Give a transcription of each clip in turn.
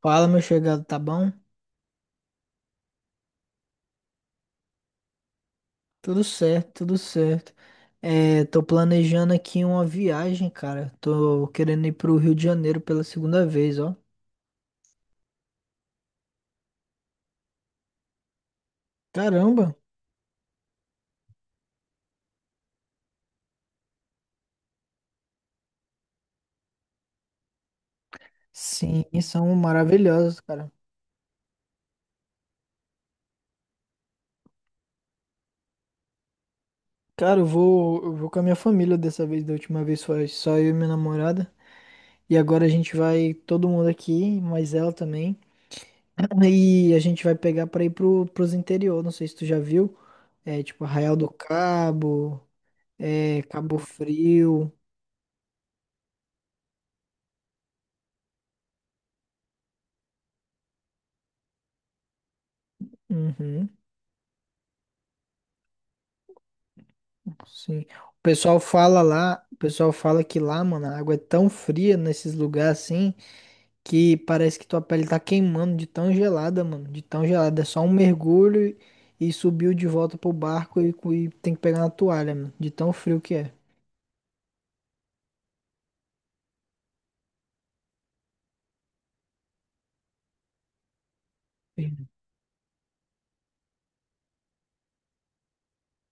Fala, meu chegado, tá bom? Tudo certo, tudo certo. É, tô planejando aqui uma viagem, cara. Tô querendo ir pro Rio de Janeiro pela segunda vez, ó. Caramba! Sim, são maravilhosos, cara. Cara, eu vou com a minha família dessa vez, da última vez foi só eu e minha namorada. E agora a gente vai, todo mundo aqui, mais ela também. E a gente vai pegar pra ir pros interior, não sei se tu já viu. É, tipo Arraial do Cabo, é, Cabo Frio. Uhum, sim. O pessoal fala lá, o pessoal fala que lá, mano, a água é tão fria nesses lugares assim que parece que tua pele tá queimando de tão gelada, mano, de tão gelada. É só um mergulho e subiu de volta pro barco e tem que pegar na toalha, mano, de tão frio que é.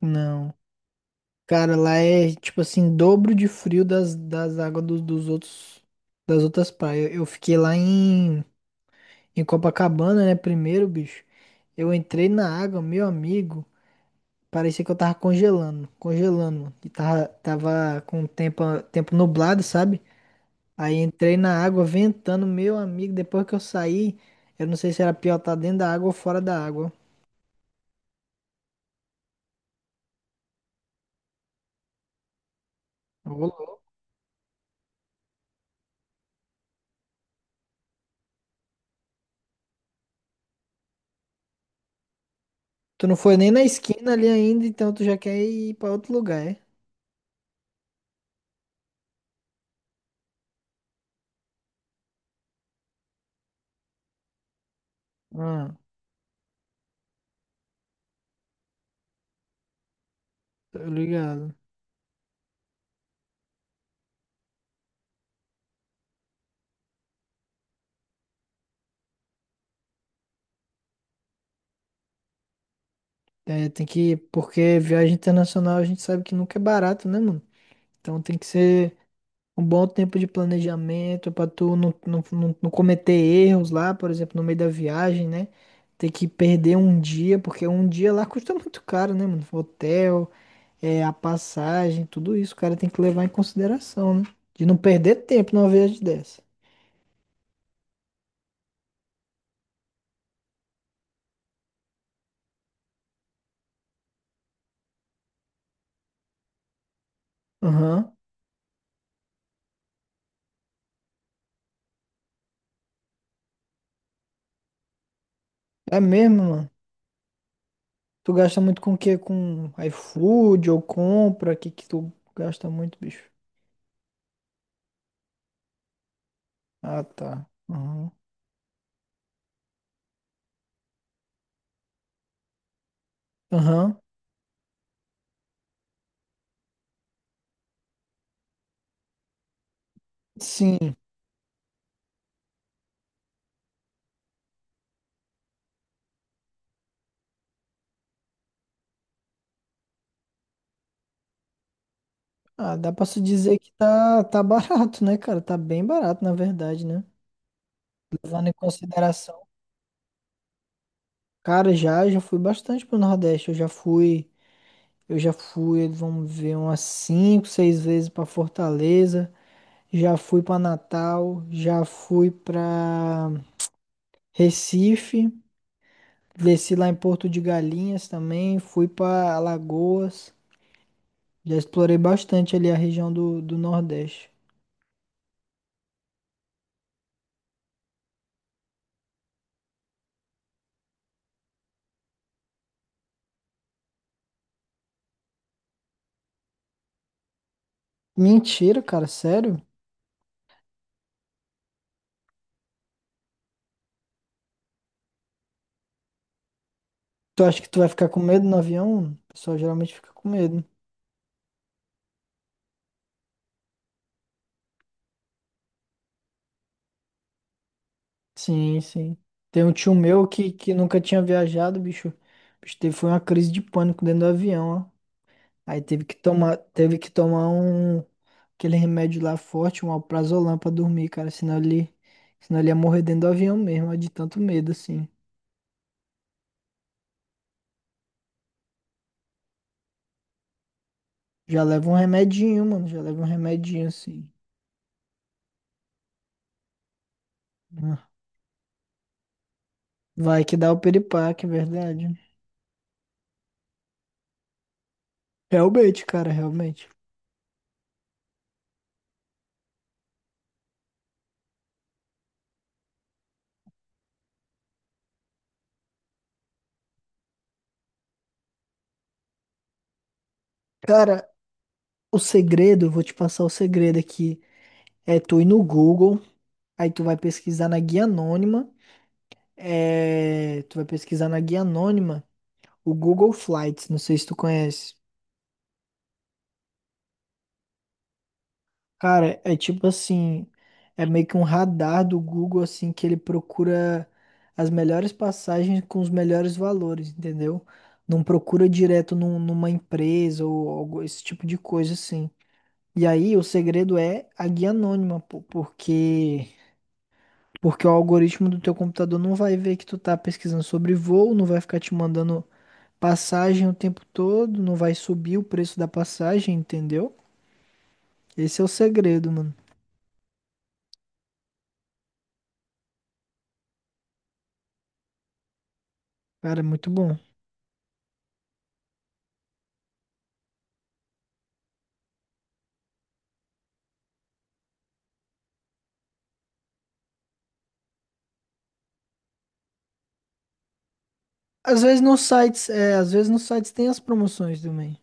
Não. Cara, lá é tipo assim, dobro de frio das águas dos outros, das outras praias. Eu fiquei lá em Copacabana, né, primeiro, bicho. Eu entrei na água, meu amigo. Parecia que eu tava congelando, congelando, mano. E tava com o tempo nublado, sabe? Aí entrei na água ventando, meu amigo. Depois que eu saí, eu não sei se era pior estar dentro da água ou fora da água. Ô, louco. Tu não foi nem na esquina ali ainda, então tu já quer ir pra outro lugar, é? Ah, tô ligado. É, tem que, porque viagem internacional a gente sabe que nunca é barato, né, mano? Então tem que ser. Um bom tempo de planejamento para tu não, não, não, não cometer erros lá, por exemplo, no meio da viagem, né? Ter que perder um dia, porque um dia lá custa muito caro, né, mano? Hotel, é, a passagem, tudo isso, o cara tem que levar em consideração, né? De não perder tempo numa viagem dessa. Aham. É mesmo, mano. Tu gasta muito com o quê? Com iFood ou compra? O que que tu gasta muito, bicho? Ah, tá. Aham. Aham. Sim. Ah, dá pra se dizer que tá, tá barato, né, cara? Tá bem barato, na verdade, né? Levando em consideração. Cara, já, já fui bastante pro Nordeste. Eu já fui, vamos ver, umas cinco, seis vezes pra Fortaleza. Já fui pra Natal, já fui pra Recife. Desci lá em Porto de Galinhas também. Fui pra Alagoas. Já explorei bastante ali a região do Nordeste. Mentira, cara, sério? Tu acha que tu vai ficar com medo no avião? O pessoal geralmente fica com medo. Sim, sim. Tem um tio meu que nunca tinha viajado, bicho. Bicho, teve, foi uma crise de pânico dentro do avião, ó. Aí teve que tomar aquele remédio lá forte, um alprazolam pra dormir, cara. Senão ele ia morrer dentro do avião mesmo, ó, de tanto medo, assim. Já leva um remedinho, mano. Já leva um remedinho, assim. Ah, vai que dá o piripaque, é verdade. Realmente. Cara, o segredo, eu vou te passar o segredo aqui. É tu ir no Google, aí tu vai pesquisar na guia anônima. É, tu vai pesquisar na guia anônima o Google Flights, não sei se tu conhece. Cara, é tipo assim, é meio que um radar do Google assim que ele procura as melhores passagens com os melhores valores, entendeu? Não procura direto numa empresa ou esse tipo de coisa assim. E aí o segredo é a guia anônima, pô, porque o algoritmo do teu computador não vai ver que tu tá pesquisando sobre voo, não vai ficar te mandando passagem o tempo todo, não vai subir o preço da passagem, entendeu? Esse é o segredo, mano. Cara, é muito bom. Às vezes nos sites, é, às vezes nos sites tem as promoções também.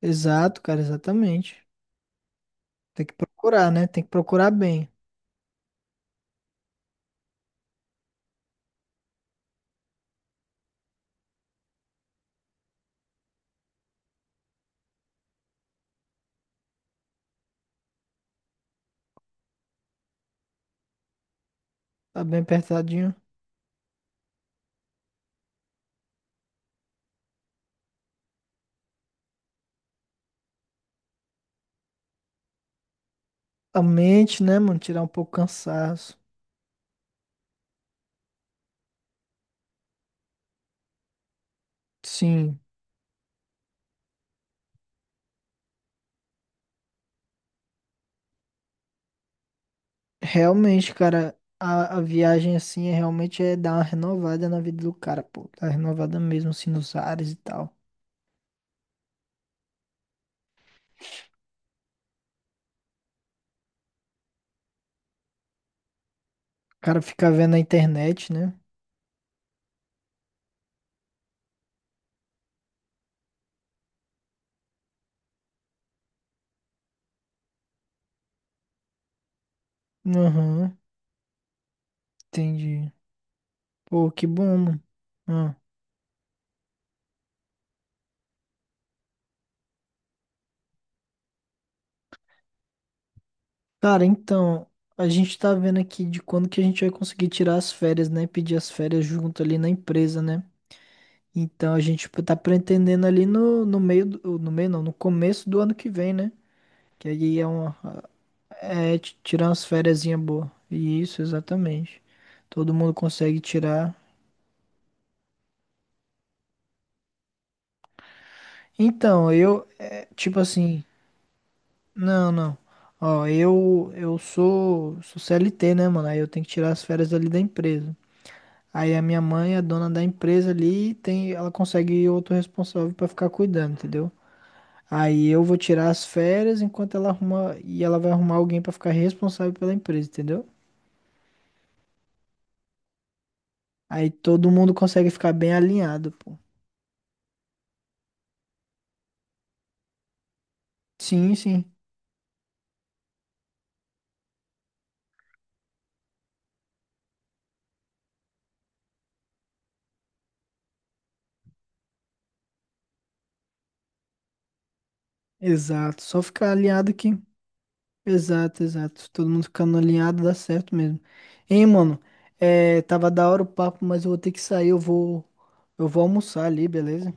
Exato, cara, exatamente. Tem que procurar, né? Tem que procurar bem. Tá bem apertadinho. A mente, né, mano? Tirar um pouco o cansaço. Sim. Realmente, cara, a viagem assim é realmente dar uma renovada na vida do cara, pô. Tá renovada mesmo, assim, nos ares e tal. O cara fica vendo na internet, né? Aham, entendi. Pô, que bom, mano. Ah. Cara, então, a gente tá vendo aqui de quando que a gente vai conseguir tirar as férias, né? Pedir as férias junto ali na empresa, né? Então a gente tipo, tá pretendendo ali no meio não, no começo do ano que vem, né? Que aí é um. É tirar umas fériasinha boa. Isso, exatamente. Todo mundo consegue tirar. Então, eu. É, tipo assim. Não, não. Ó, eu. Eu sou. Sou CLT, né, mano? Aí eu tenho que tirar as férias ali da empresa. Aí a minha mãe é dona da empresa ali. E tem, ela consegue outro responsável pra ficar cuidando, entendeu? Aí eu vou tirar as férias enquanto ela arruma. E ela vai arrumar alguém pra ficar responsável pela empresa, entendeu? Aí todo mundo consegue ficar bem alinhado, pô. Sim, sim. Exato. Só ficar alinhado aqui. Exato, exato. Todo mundo ficando alinhado dá certo mesmo. Hein, mano? É, tava da hora o papo, mas eu vou ter que sair. Eu vou almoçar ali, beleza?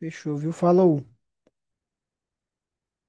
Fechou, viu? Falou.